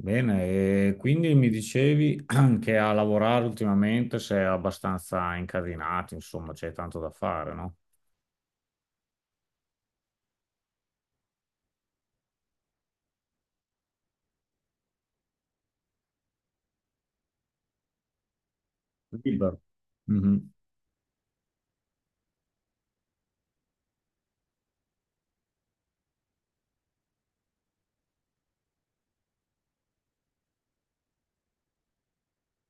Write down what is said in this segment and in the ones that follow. Bene, e quindi mi dicevi che a lavorare ultimamente sei abbastanza incasinato, insomma, c'è tanto da fare, no? Libero. Mhm,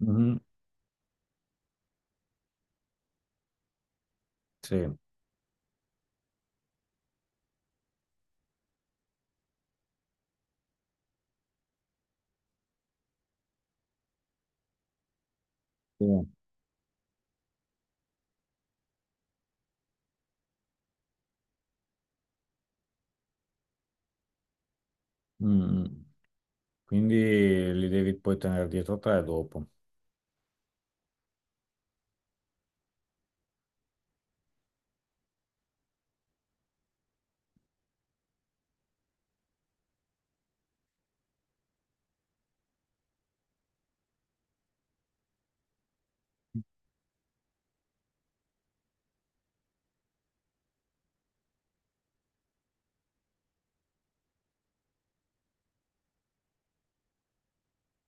mhm, sì, sì, mm. Quindi li devi poi tenere dietro te dopo.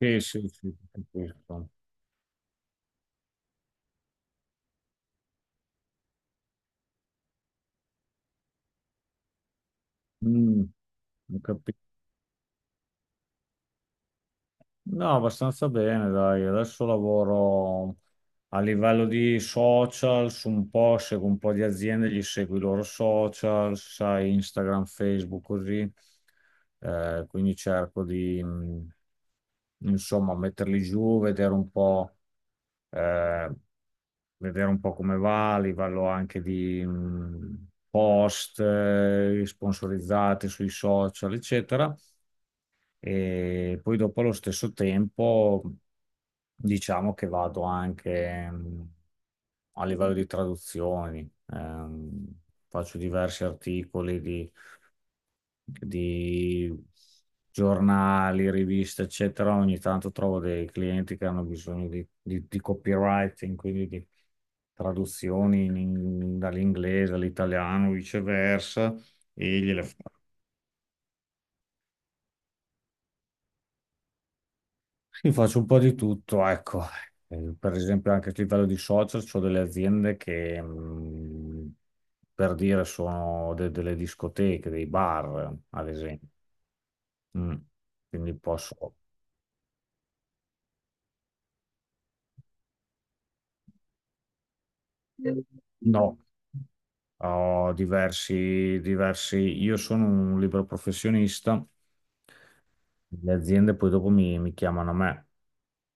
Sì, sì, sì, capisco. Mm, ho capito. No, abbastanza bene, dai. Adesso lavoro a livello di social, su un po', seguo un po' di aziende, gli seguo i loro social, sai, Instagram, Facebook, così. Quindi cerco di, insomma, metterli giù, eh, vedere un po' come va, a livello anche di, post, sponsorizzati sui social, eccetera. E poi dopo allo stesso tempo diciamo che vado anche a livello di traduzioni, faccio diversi articoli di giornali, riviste, eccetera. Ogni tanto trovo dei clienti che hanno bisogno di, di copywriting, quindi di traduzioni dall'inglese all'italiano, viceversa, e gliele sì, faccio un po' di tutto, ecco. Per esempio anche a livello di social, ho delle aziende che, per dire, sono delle discoteche, dei bar, ad esempio. Mm. Quindi posso... No, ho diversi, diversi... Io sono un libero professionista. Le aziende poi dopo mi, mi chiamano a me,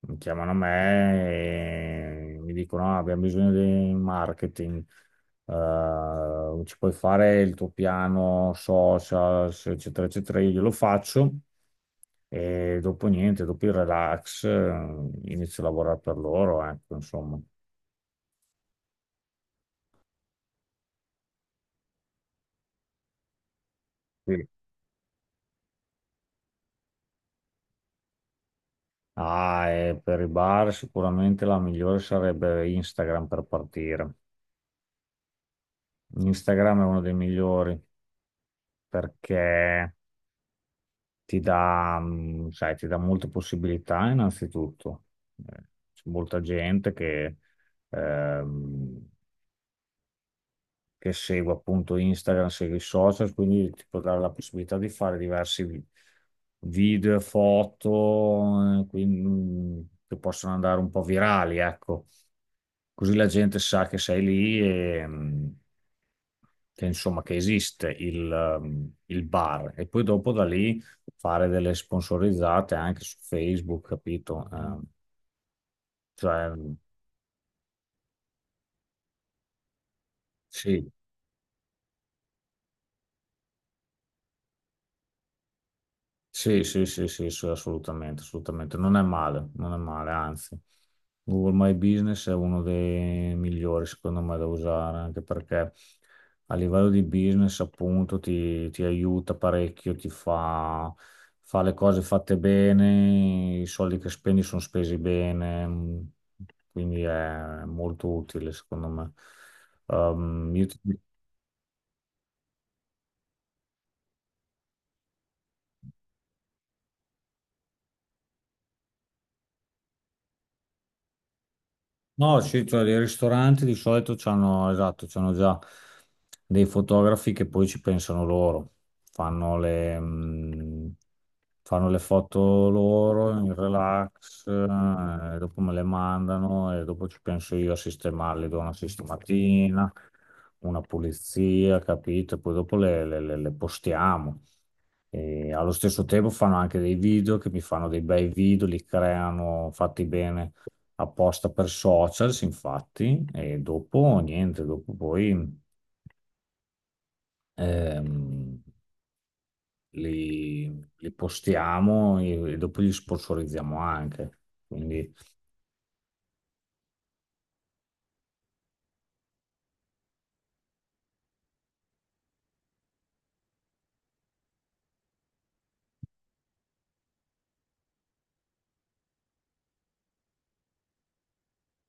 mi chiamano a me e mi dicono: "Ah, abbiamo bisogno di marketing, ci puoi fare il tuo piano social, eccetera, eccetera". Io glielo faccio e dopo niente, dopo il relax, inizio a lavorare per loro, ecco, insomma. Sì. Ah, e per i bar sicuramente la migliore sarebbe Instagram per partire. Instagram è uno dei migliori perché ti dà, sai, ti dà molte possibilità innanzitutto. Eh, C'è molta gente ehm, che segue appunto Instagram, segue i social, quindi ti può dare la possibilità di fare diversi video, foto, quindi, che possono andare un po' virali, ecco. Così la gente sa che sei lì e... che, insomma, che esiste il bar e poi dopo da lì fare delle sponsorizzate anche su Facebook, capito? Cioè, sì, sì, sì, sì, sì, sì, assolutamente, assolutamente. Non è male, non è male, anzi. Google My Business è uno dei migliori, secondo me, da usare, anche perché a livello di business, appunto, ti aiuta parecchio, ti fa, fa le cose fatte bene, i soldi che spendi sono spesi bene, quindi è molto utile, secondo me. Ehm, io ti- No, sì, cioè i ristoranti di solito c'hanno, esatto, c'hanno già dei fotografi che poi ci pensano loro, fanno le, mh, fanno le foto loro in relax, dopo me le mandano e dopo ci penso io a sistemarle, do una sistematina, una pulizia, capito? Poi dopo le postiamo. E allo stesso tempo fanno anche dei video che mi fanno dei bei video, li creano fatti bene apposta per socials, infatti, e dopo niente, dopo poi ehm, li, li postiamo e dopo li sponsorizziamo anche. Quindi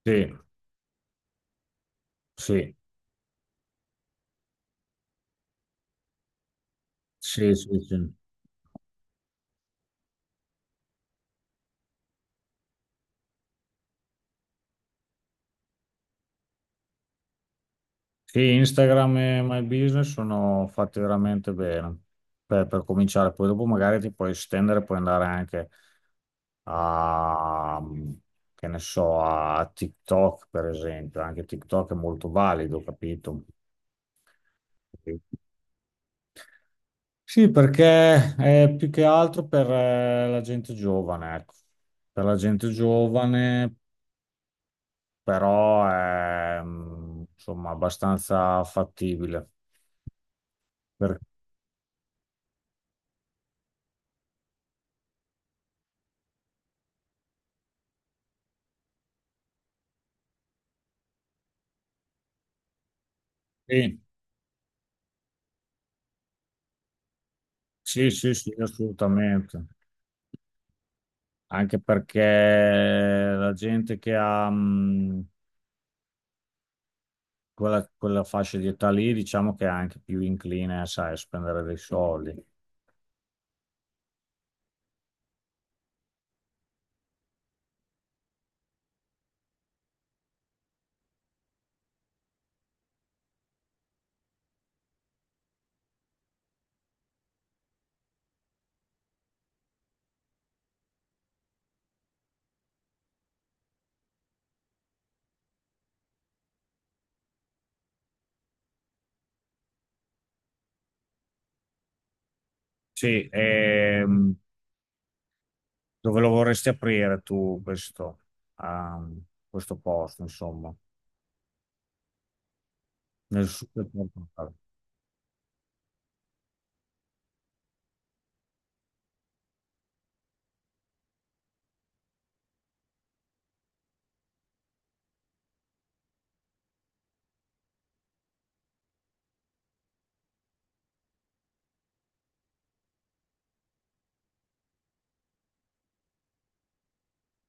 sì, sì, sì, sì, sì. Sì, Instagram e My Business sono fatti veramente bene per cominciare, poi dopo magari ti puoi estendere, puoi andare anche a, che ne so, a TikTok, per esempio. Anche TikTok è molto valido, capito? Sì, perché è più che altro per la gente giovane, ecco. Per la gente giovane, però è insomma abbastanza fattibile. Per- sì, sì, sì, sì, assolutamente. Anche perché la gente che ha, quella, quella fascia di età lì, diciamo che è anche più incline, sai, a spendere dei soldi. Sì, dove lo vorresti aprire tu questo, ehm, questo posto, insomma? Nel sud del Portogallo.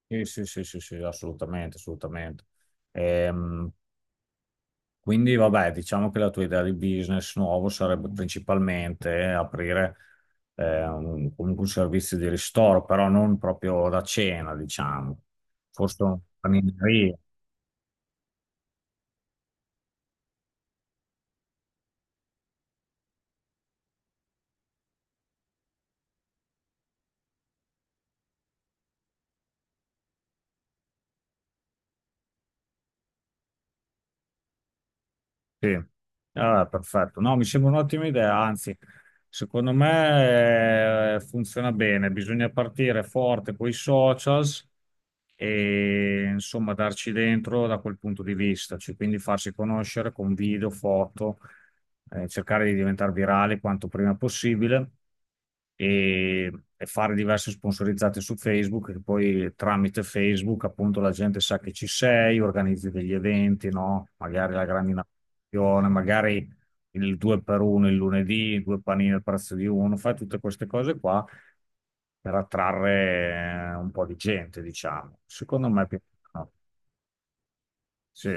Sì, sì, sì, sì, sì, assolutamente, assolutamente. Ehm, quindi, vabbè, diciamo che la tua idea di business nuovo sarebbe principalmente aprire comunque un servizio di ristoro, però non proprio da cena, diciamo, forse una panineria. Sì, ah, perfetto. No, mi sembra un'ottima idea, anzi, secondo me funziona bene. Bisogna partire forte con i socials e insomma darci dentro da quel punto di vista, cioè, quindi farsi conoscere con video, foto, cercare di diventare virale quanto prima possibile e, e fare diverse sponsorizzate su Facebook, che poi tramite Facebook appunto la gente sa che ci sei, organizzi degli eventi, no? Magari la grande inaugurazione, magari il 2 per 1 il lunedì, due panini al prezzo di uno, fai tutte queste cose qua per attrarre un po' di gente, diciamo. Secondo me, è più- no. Sì.